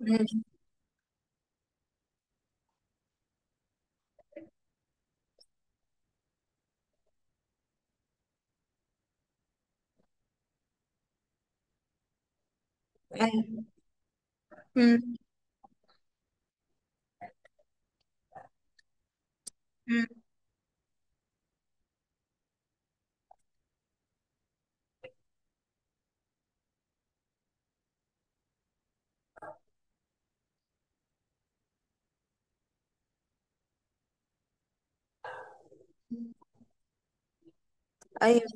مم. ايوه. مم. مم. ايوه.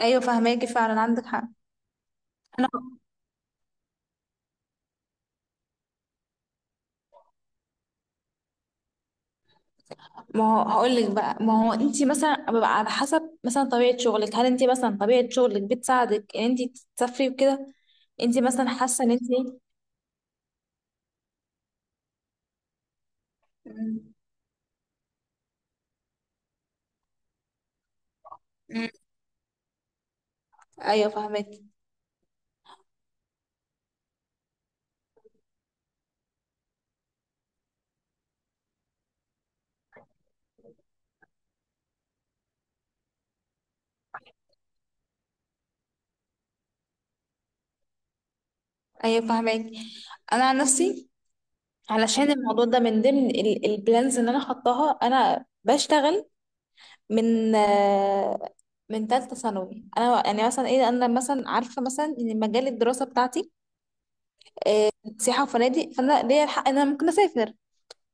ايوه فهماكي، فعلا عندك حق. انا، ما هو هقول لك بقى، ما هو انت مثلا ببقى على حسب مثلا طبيعه شغلك بتساعدك ان انت تسافري وكده؟ انت مثلا حاسه ان انت إيه؟ مم. مم. ايوه فهماكي. ايوه فهماكي انا عن نفسي، علشان الموضوع ده من ضمن البلانز اللي انا حطاها، انا بشتغل من من ثالثه ثانوي. انا يعني مثلا ايه، انا مثلا عارفه مثلا ان مجال الدراسه بتاعتي سياحة وفنادق، فأنا ليا الحق إن أنا ممكن أسافر.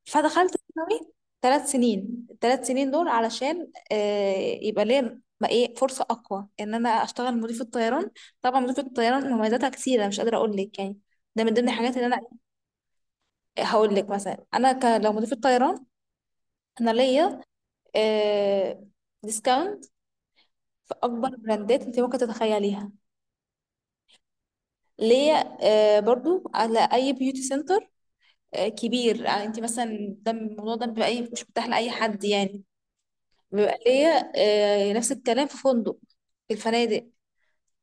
فدخلت ثانوي 3 سنين. ال3 سنين دول علشان يبقى ليا ما ايه فرصة أقوى إن أنا أشتغل مضيفة طيران. طبعا مضيفة الطيران مميزاتها كثيرة، مش قادرة أقول لك يعني. ده من ضمن الحاجات اللي أنا هقول لك. مثلا أنا لو مضيفة طيران، أنا ليا آه، ديسكاونت في أكبر براندات أنت ممكن تتخيليها. ليا برضو على اي بيوتي سنتر كبير. يعني انت مثلا، ده الموضوع ده بيبقى مش متاح لاي حد يعني. بيبقى ليا نفس الكلام في فندق، في الفنادق.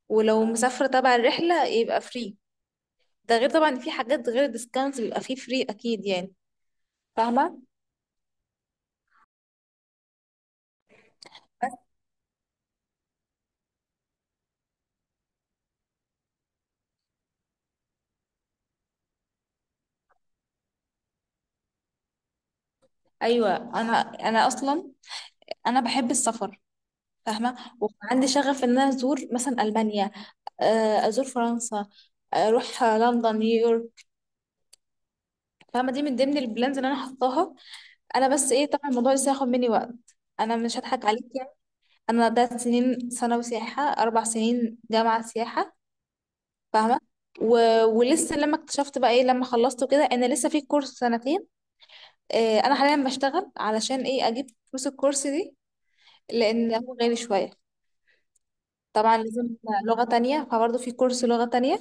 ولو مسافرة تبع الرحلة يبقى فري. ده غير طبعا في حاجات غير الديسكاونت، بيبقى فيه فري أكيد يعني. فاهمة؟ بس أيوة، أنا أصلا أنا بحب السفر. فاهمة؟ وعندي شغف إن أنا أزور مثلا ألمانيا، أزور فرنسا، أروح لندن، نيويورك. فاهمة؟ دي من ضمن البلانز اللي أنا حطاها. أنا بس إيه، طبعا الموضوع لسه هياخد مني وقت، أنا مش هضحك عليك يعني. أنا ده سنين ثانوي سياحة، 4 سنين جامعة سياحة. فاهمه؟ و... ولسه لما اكتشفت بقى ايه لما خلصت كده، انا لسه في كورس سنتين. آه، انا حاليا بشتغل علشان ايه، اجيب فلوس الكورس دي، لان هو غالي شويه. طبعا لازم لغه تانية، فبرضه في كورس لغه تانية.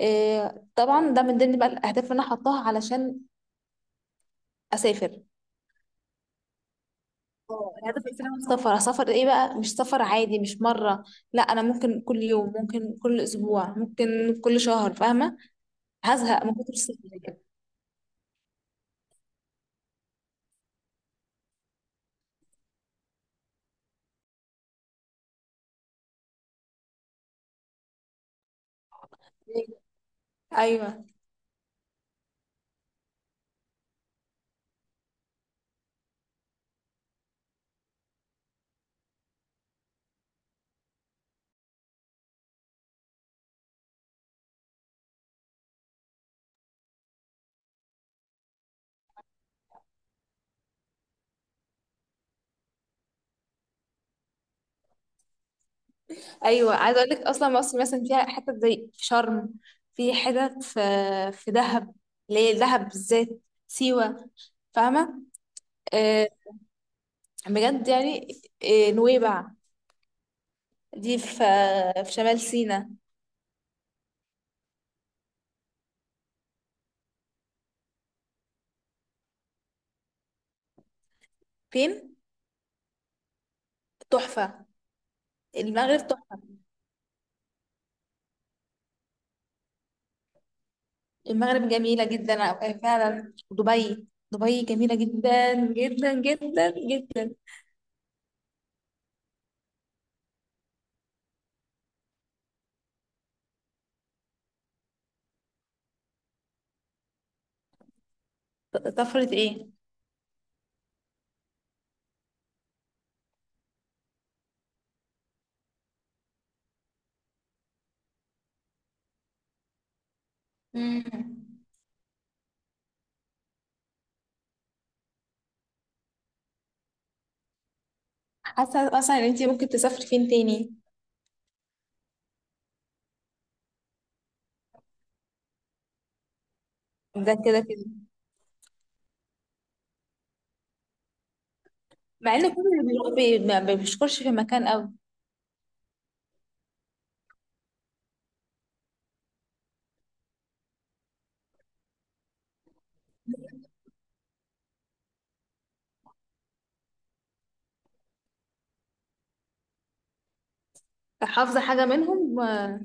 آه طبعا ده من ضمن بقى الاهداف اللي انا حطاها علشان اسافر. اه، الهدف الاساسي انا سفر. سفر ايه بقى؟ مش سفر عادي، مش مره. لا، انا ممكن كل يوم، ممكن كل اسبوع، ممكن كل شهر. فاهمه؟ هزهق من كتر السفر. ايوه. ايوه، عايزه اقول لك، اصلا مصر مثلا فيها حتت زي في شرم، في حتت في في دهب. ليه دهب بالذات؟ سيوه. فاهمه؟ آه، بجد يعني. آه، نويبع. دي في في شمال سيناء. فين؟ تحفه. المغرب تحفه. المغرب جميله جدا. آه، فعلا دبي. دبي جميله جدا جدا جدا جدا. طفره ايه؟ مم. حاسه مثلا ان انت ممكن تسافري فين تاني؟ ده كده كده. مع ان كل اللي بيروح ما بيشكرش في مكان قوي. فحافظه حاجه منهم؟ آه.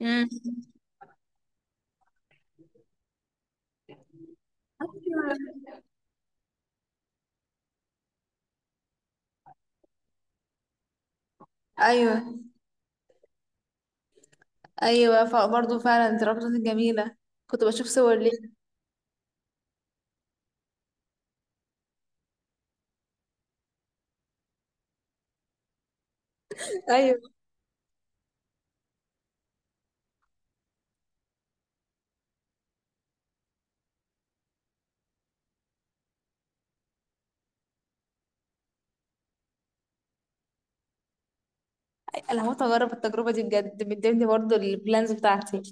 امم. ايوه. ايوه فبرضه فعلا دي ربطة جميله. كنت بشوف صور ليه. ايوه، انا هموت اجرب التجربه دي بجد، من ضمن برضه البلانز بتاعتي.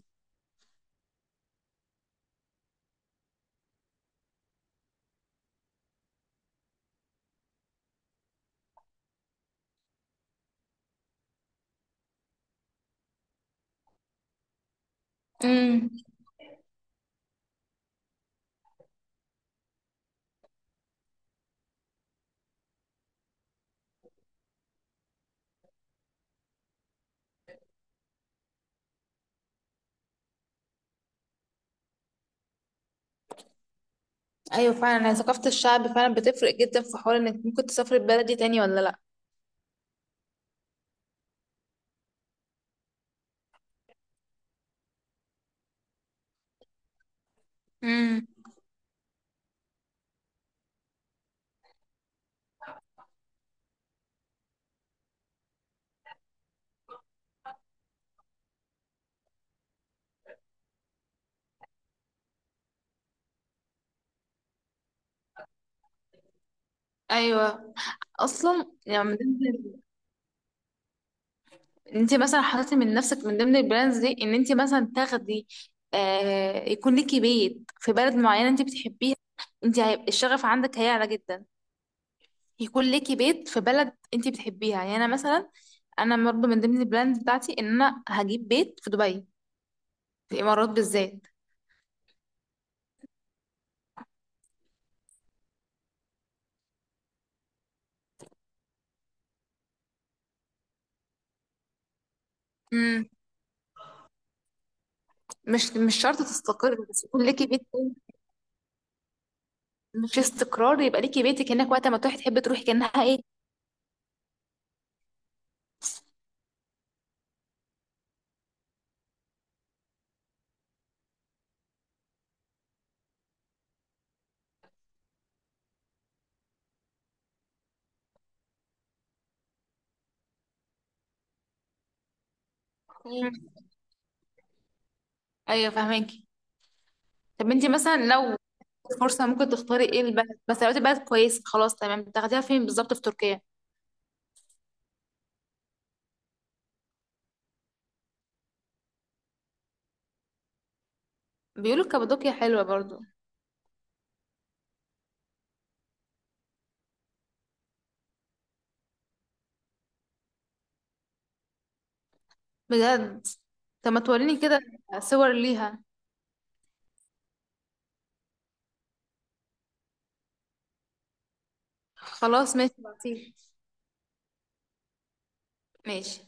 امم. ايوه فعلا، هي ثقافه الشعب فعلا بتفرق جدا في حوار انك ممكن تسافر البلد دي تاني ولا لا. امم. ايوه. اصلا يعني انت مثلا حطيتي من نفسك من ضمن البراندز دي ان انت مثلا تاخدي، آه، يكون ليكي بيت في بلد معينه انت بتحبيها؟ انت هيبقى الشغف عندك هيعلى جدا. يكون ليكي بيت في بلد انت بتحبيها. يعني انا مثلا، انا برضه من ضمن البراندز بتاعتي ان انا هجيب بيت في دبي، في الامارات بالذات. امم. مش شرط تستقر، بس يكون ليكي بيت. مش استقرار، يبقى ليكي بيتك هناك، وقت ما تروحي تحبي تروحي كانها ايه. مم. ايوه فاهماكي. طب انت مثلا، لو فرصة، ممكن تختاري ايه البلد؟ بس لو لقيتي بلد كويس خلاص تمام، تاخديها فين بالظبط في تركيا؟ بيقولوا كابادوكيا حلوة برضو. بجد؟ طب ما توريني كده صور ليها. خلاص ماشي، بعتيلي. ماشي.